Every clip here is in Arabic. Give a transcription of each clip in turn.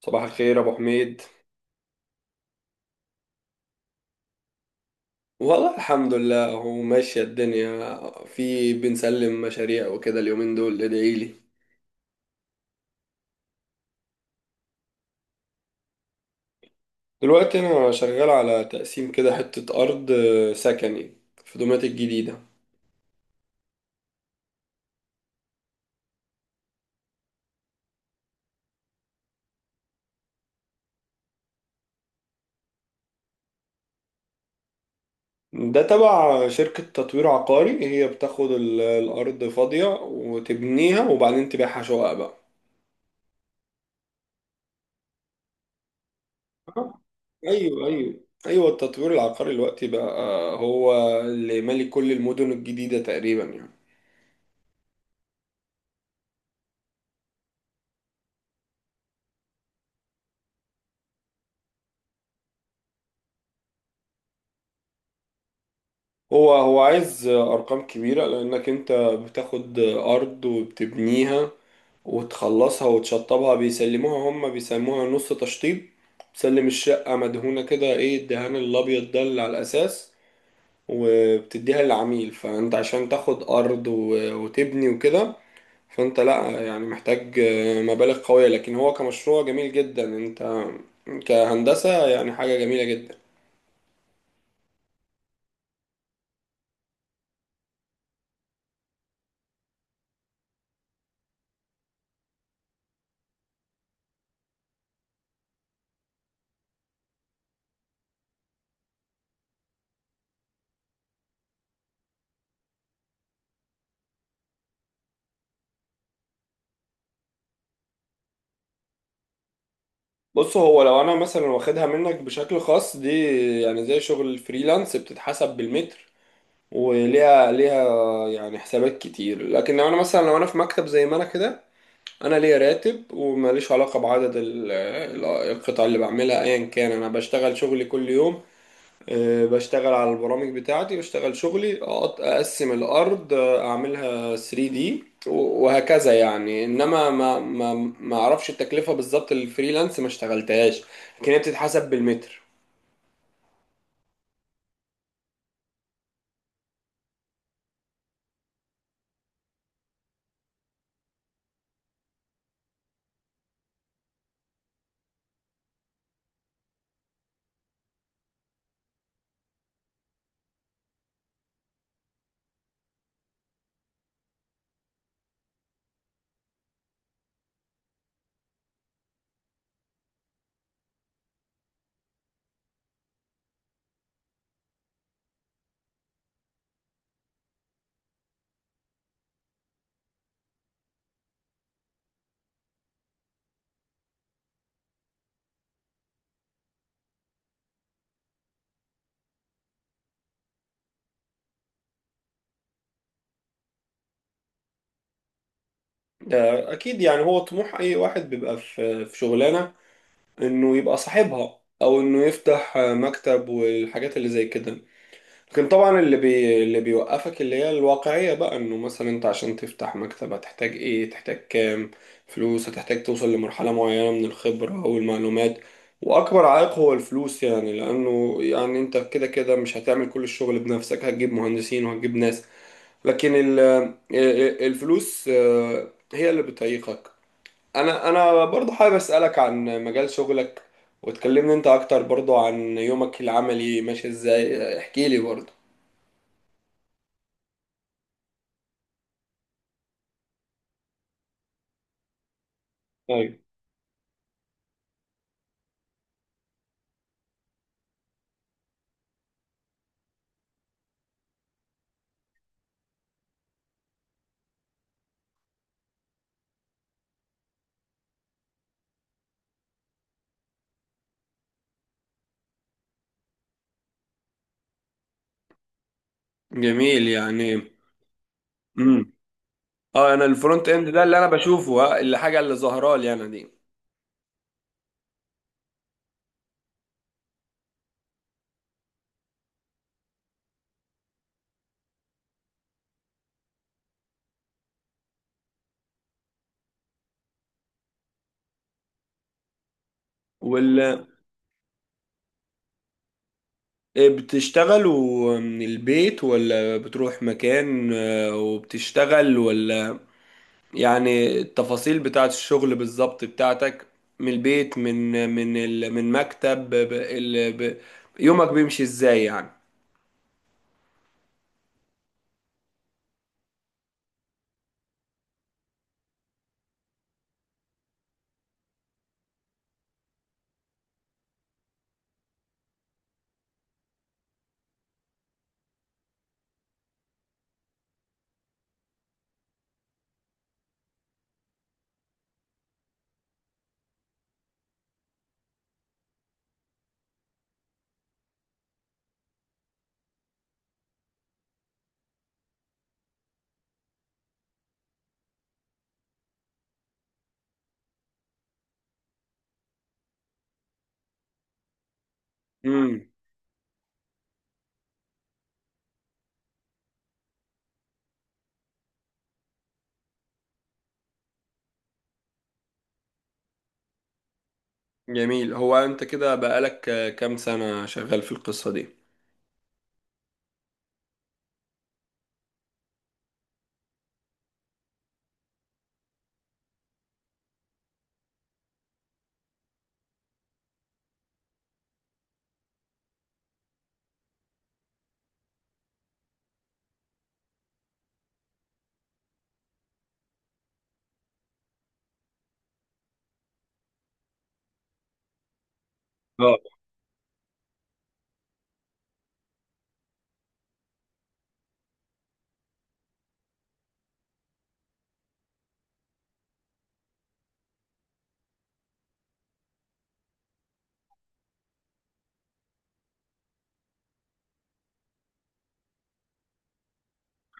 صباح الخير ابو حميد. والله الحمد لله، هو ماشية الدنيا، في بنسلم مشاريع وكده اليومين دول، ادعي لي. دلوقتي انا شغال على تقسيم كده حتة ارض سكني، في دومات الجديدة. ده تبع شركة تطوير عقاري، هي بتاخد الارض فاضية وتبنيها وبعدين تبيعها شقق بقى. آه، ايوه ايوه. ايوه التطوير العقاري دلوقتي بقى هو اللي مالي كل المدن الجديدة تقريبا يعني. هو عايز أرقام كبيرة، لأنك أنت بتاخد أرض وبتبنيها وتخلصها وتشطبها. بيسلموها، هم بيسموها نص تشطيب، بتسلم الشقة مدهونة كده، إيه، الدهان الأبيض ده اللي على الأساس، وبتديها للعميل. فأنت عشان تاخد أرض وتبني وكده، فأنت لأ يعني محتاج مبالغ قوية. لكن هو كمشروع جميل جدا، أنت كهندسة يعني حاجة جميلة جدا. بص، هو لو انا مثلا واخدها منك بشكل خاص دي، يعني زي شغل الفريلانس، بتتحسب بالمتر، وليها يعني حسابات كتير. لكن لو انا في مكتب زي ما انا كده، انا ليا راتب وماليش علاقة بعدد القطع اللي بعملها، ايا كان انا بشتغل شغلي كل يوم. بشتغل على البرامج بتاعتي، بشتغل شغلي، اقسم الارض، اعملها 3 دي وهكذا يعني. انما ما اعرفش التكلفه بالظبط، الفريلانس ما اشتغلتهاش، لكن هي بتتحسب بالمتر. ده اكيد يعني، هو طموح اي واحد بيبقى في شغلانه انه يبقى صاحبها، او انه يفتح مكتب والحاجات اللي زي كده. لكن طبعا اللي بيوقفك اللي هي الواقعية بقى، انه مثلا انت عشان تفتح مكتب هتحتاج ايه، تحتاج كام فلوس، هتحتاج توصل لمرحلة معينة من الخبرة او المعلومات. واكبر عائق هو الفلوس يعني، لانه يعني انت كده كده مش هتعمل كل الشغل بنفسك، هتجيب مهندسين وهتجيب ناس. لكن الفلوس هي اللي بتعيقك. انا برضو حابب اسألك عن مجال شغلك، وتكلمني انت اكتر برضو عن يومك العملي ماشي ازاي، احكي لي برضو. جميل يعني. امم. اه، انا الفرونت اند ده اللي انا بشوفه، اللي حاجه اللي ظاهره لي انا دي، ولا إيه، بتشتغلوا من البيت ولا بتروح مكان وبتشتغل، ولا يعني التفاصيل بتاعت الشغل بالظبط بتاعتك، من البيت، من مكتب، يومك بيمشي ازاي يعني. امم. جميل. هو انت كده بقالك كام سنة شغال في القصة دي؟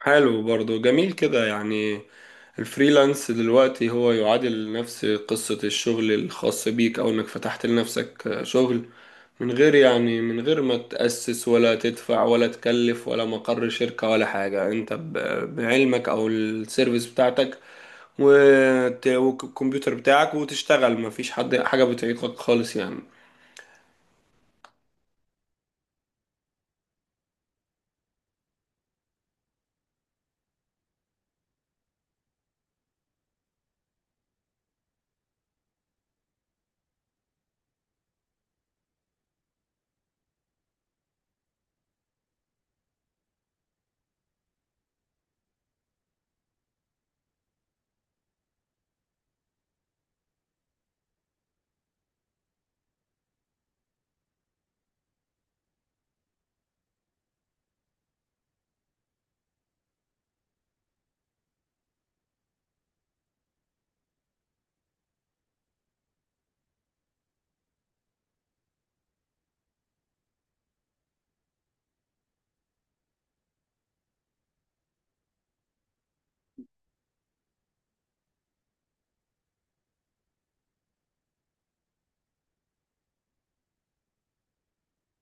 حلو، برضو جميل كده يعني. الفريلانس دلوقتي هو يعادل نفس قصة الشغل الخاص بيك، أو إنك فتحت لنفسك شغل من غير، يعني من غير ما تأسس ولا تدفع ولا تكلف ولا مقر شركة ولا حاجة. أنت بعلمك أو السيرفيس بتاعتك والكمبيوتر بتاعك وتشتغل، مفيش حد حاجة بتعيقك خالص يعني.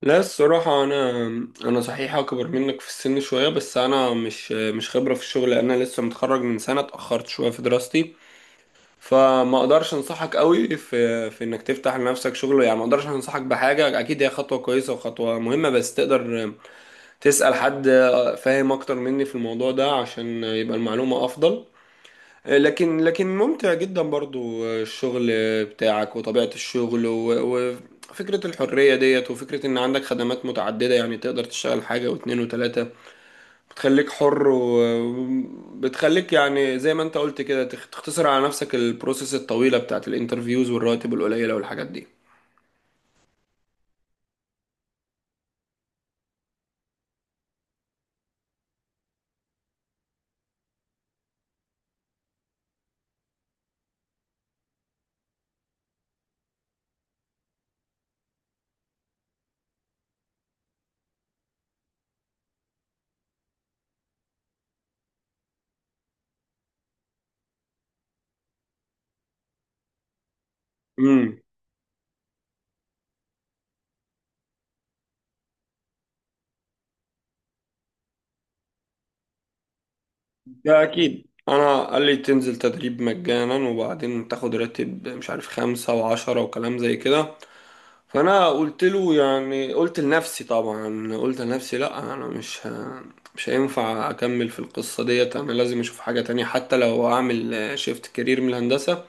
لا، الصراحة أنا صحيح أكبر منك في السن شوية، بس أنا مش خبرة في الشغل، أنا لسه متخرج من سنة، اتأخرت شوية في دراستي. فما أقدرش أنصحك قوي في إنك تفتح لنفسك شغل يعني، ما أقدرش أنصحك بحاجة. أكيد هي خطوة كويسة وخطوة مهمة، بس تقدر تسأل حد فاهم أكتر مني في الموضوع ده عشان يبقى المعلومة أفضل. لكن ممتع جدا برضو الشغل بتاعك وطبيعة الشغل وفكرة الحرية ديت، وفكرة ان عندك خدمات متعددة، يعني تقدر تشتغل حاجة واتنين وتلاتة، بتخليك حر وبتخليك يعني زي ما انت قلت كده، تختصر على نفسك البروسيس الطويلة بتاعت الانترفيوز والرواتب القليلة والحاجات دي. امم. ده اكيد، انا قال لي تنزل تدريب مجانا وبعدين تاخد راتب مش عارف خمسة وعشرة وكلام زي كده، فانا قلت له، يعني قلت لنفسي طبعا، قلت لنفسي لا، انا مش هينفع اكمل في القصه ديت، انا لازم اشوف حاجه تانية حتى لو اعمل شيفت كارير من الهندسه.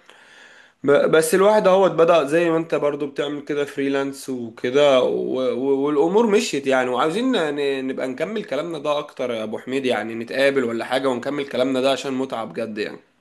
بس الواحد اهوت بدأ زي ما انت برضو بتعمل كده فريلانس وكده والامور مشيت يعني. وعاوزين نبقى نكمل كلامنا ده اكتر يا ابو حميد، يعني نتقابل ولا حاجه ونكمل كلامنا ده عشان متعه بجد يعني.